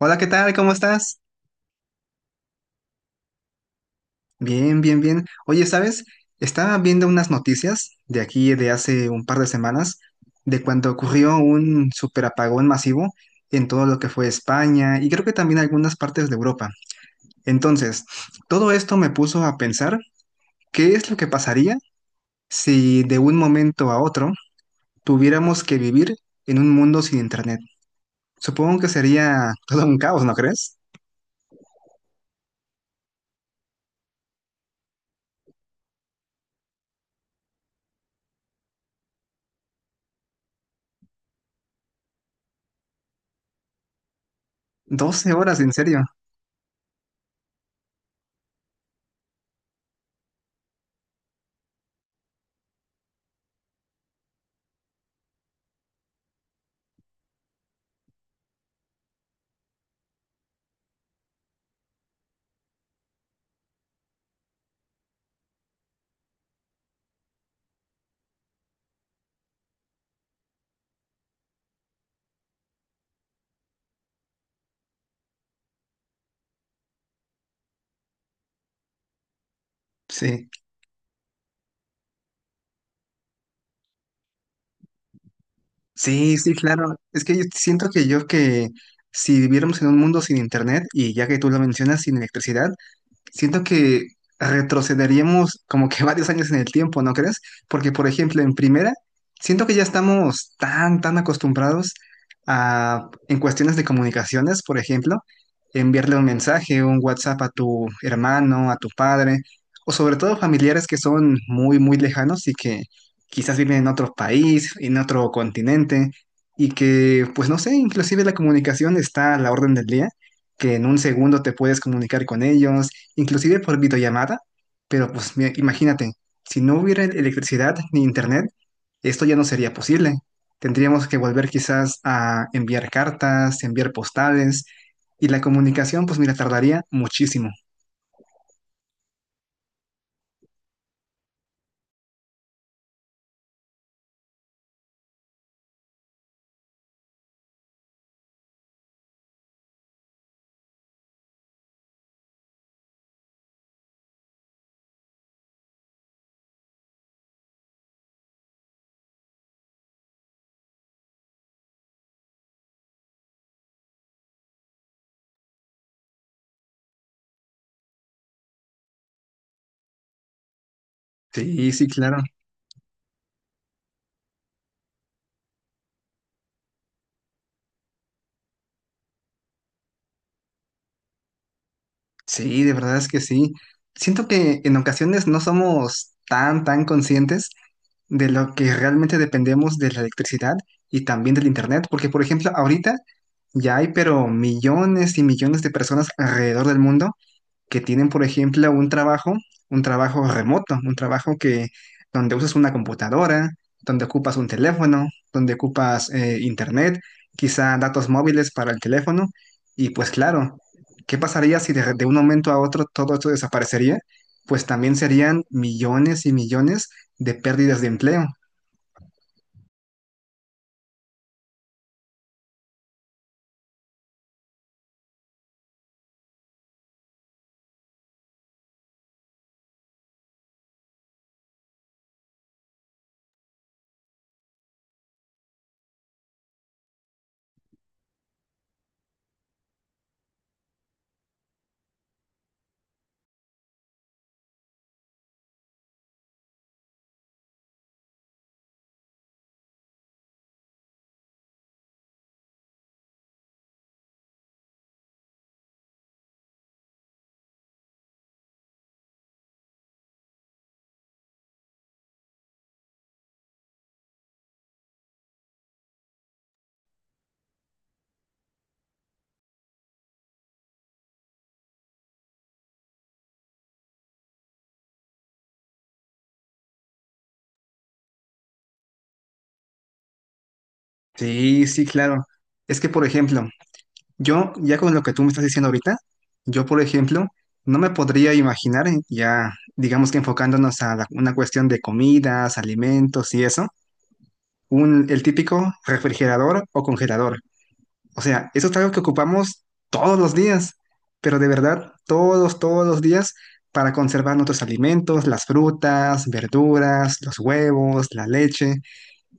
Hola, ¿qué tal? ¿Cómo estás? Bien, bien, bien. Oye, ¿sabes? Estaba viendo unas noticias de aquí de hace un par de semanas de cuando ocurrió un superapagón masivo en todo lo que fue España y creo que también algunas partes de Europa. Entonces, todo esto me puso a pensar qué es lo que pasaría si de un momento a otro tuviéramos que vivir en un mundo sin internet. Supongo que sería todo un caos, ¿no crees? 12 horas, ¿en serio? Sí. Sí, sí, claro. Es que yo siento que yo que si viviéramos en un mundo sin internet y ya que tú lo mencionas, sin electricidad, siento que retrocederíamos como que varios años en el tiempo, ¿no crees? Porque, por ejemplo, en primera, siento que ya estamos tan, tan acostumbrados a, en cuestiones de comunicaciones, por ejemplo, enviarle un mensaje, un WhatsApp a tu hermano, a tu padre, o sobre todo familiares que son muy, muy lejanos y que quizás viven en otro país, en otro continente, y que, pues no sé, inclusive la comunicación está a la orden del día, que en un segundo te puedes comunicar con ellos inclusive por videollamada, pero pues mira, imagínate, si no hubiera electricidad ni internet, esto ya no sería posible. Tendríamos que volver quizás a enviar cartas, enviar postales, y la comunicación, pues mira, tardaría muchísimo. Sí, sí, claro. Sí, de verdad es que sí. Siento que en ocasiones no somos tan, tan conscientes de lo que realmente dependemos de la electricidad y también del internet, porque por ejemplo, ahorita ya hay pero millones y millones de personas alrededor del mundo que tienen, por ejemplo, un trabajo remoto, un trabajo que donde usas una computadora, donde ocupas un teléfono, donde ocupas internet, quizá datos móviles para el teléfono. Y pues claro, ¿qué pasaría si de un momento a otro todo esto desaparecería? Pues también serían millones y millones de pérdidas de empleo. Sí, sí, claro. Es que, por ejemplo, yo, ya con lo que tú me estás diciendo ahorita, yo, por ejemplo, no me podría imaginar, ya digamos que una cuestión de comidas, alimentos y eso, el típico refrigerador o congelador. O sea, eso es algo que ocupamos todos los días, pero de verdad, todos, todos los días para conservar nuestros alimentos, las frutas, verduras, los huevos, la leche,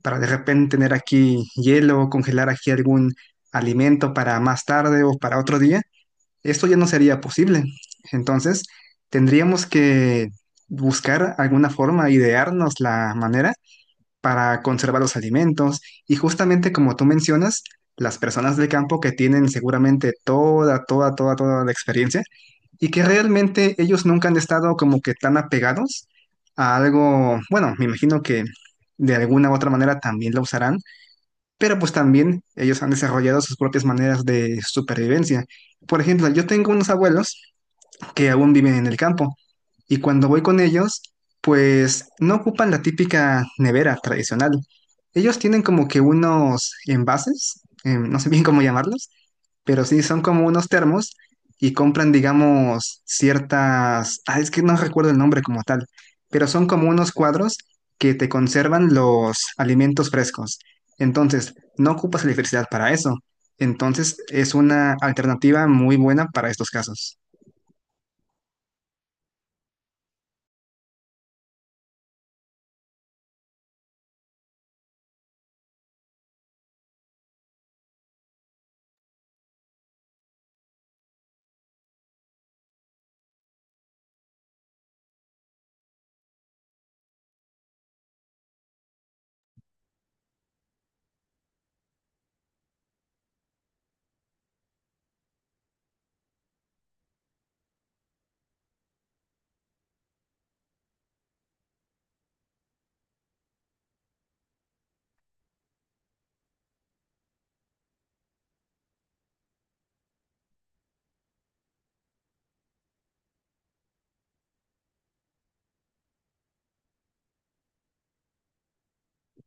para de repente tener aquí hielo, congelar aquí algún alimento para más tarde o para otro día, esto ya no sería posible. Entonces, tendríamos que buscar alguna forma, idearnos la manera para conservar los alimentos. Y justamente como tú mencionas, las personas del campo que tienen seguramente toda, toda, toda, toda la experiencia y que realmente ellos nunca han estado como que tan apegados a algo, bueno, me imagino que de alguna u otra manera también lo usarán, pero pues también ellos han desarrollado sus propias maneras de supervivencia. Por ejemplo, yo tengo unos abuelos que aún viven en el campo. Y cuando voy con ellos, pues no ocupan la típica nevera tradicional. Ellos tienen como que unos envases, no sé bien cómo llamarlos, pero sí son como unos termos y compran, digamos, ciertas, ah, es que no recuerdo el nombre como tal, pero son como unos cuadros que te conservan los alimentos frescos. Entonces, no ocupas electricidad para eso. Entonces, es una alternativa muy buena para estos casos.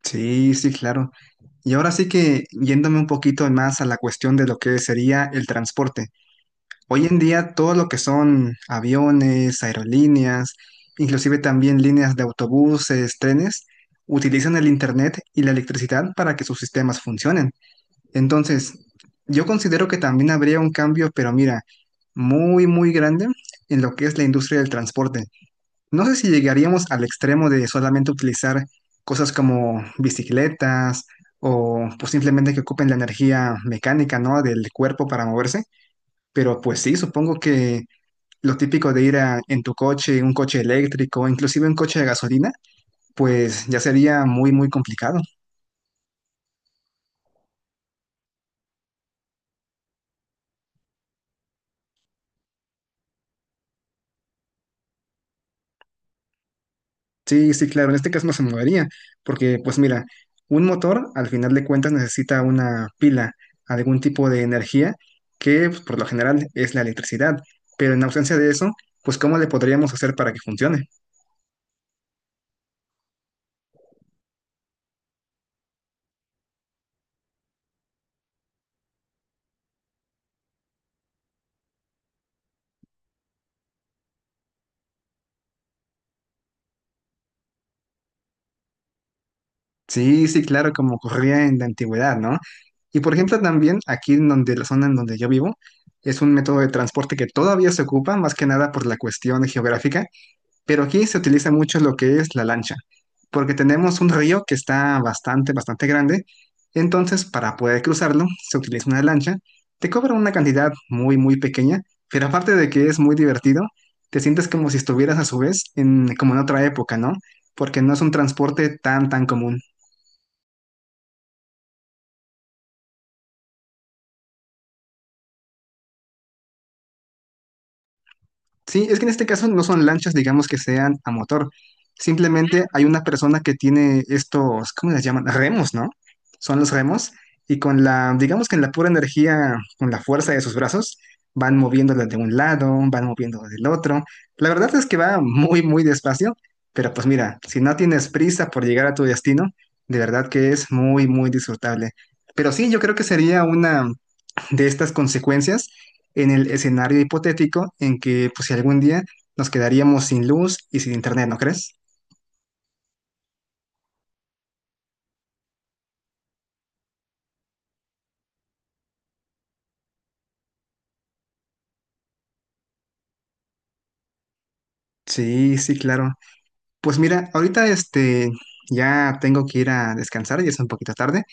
Sí, sí, claro. Y ahora sí que yéndome un poquito más a la cuestión de lo que sería el transporte. Hoy en día todo lo que son aviones, aerolíneas, inclusive también líneas de autobuses, trenes, utilizan el internet y la electricidad para que sus sistemas funcionen. Entonces, yo considero que también habría un cambio, pero mira, muy, muy grande en lo que es la industria del transporte. No sé si llegaríamos al extremo de solamente utilizar cosas como bicicletas o pues simplemente que ocupen la energía mecánica, ¿no? del cuerpo para moverse, pero pues sí, supongo que lo típico de ir a- en tu coche, un coche eléctrico, inclusive un coche de gasolina, pues ya sería muy, muy complicado. Sí, sí, claro, en este caso no se movería, porque pues mira, un motor al final de cuentas necesita una pila, algún tipo de energía que pues, por lo general es la electricidad, pero en ausencia de eso, pues ¿cómo le podríamos hacer para que funcione? Sí, sí, claro, como ocurría en la antigüedad, ¿no? Y por ejemplo también aquí en donde la zona en donde yo vivo es un método de transporte que todavía se ocupa, más que nada por la cuestión geográfica, pero aquí se utiliza mucho lo que es la lancha, porque tenemos un río que está bastante, bastante grande. Entonces, para poder cruzarlo, se utiliza una lancha. Te cobra una cantidad muy, muy pequeña, pero aparte de que es muy divertido, te sientes como si estuvieras a su vez en, como en otra época, ¿no? Porque no es un transporte tan, tan común. Sí, es que en este caso no son lanchas, digamos que sean a motor. Simplemente hay una persona que tiene estos, ¿cómo les llaman? Remos, ¿no? Son los remos y con la, digamos que en la pura energía, con la fuerza de sus brazos, van moviéndola de un lado, van moviéndola del otro. La verdad es que va muy, muy despacio, pero pues mira, si no tienes prisa por llegar a tu destino, de verdad que es muy, muy disfrutable. Pero sí, yo creo que sería una de estas consecuencias en el escenario hipotético en que, pues, si algún día nos quedaríamos sin luz y sin internet, ¿no crees? Sí, sí, claro. Pues mira, ahorita este ya tengo que ir a descansar, ya es un poquito tarde,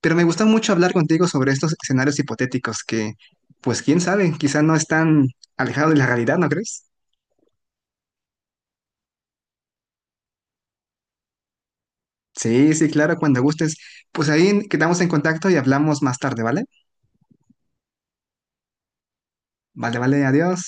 pero me gusta mucho hablar contigo sobre estos escenarios hipotéticos que, pues quién sabe, quizá no están alejados de la realidad, ¿no crees? Sí, sí, claro, cuando gustes. Pues ahí quedamos en contacto y hablamos más tarde, ¿vale? Vale, vale, adiós.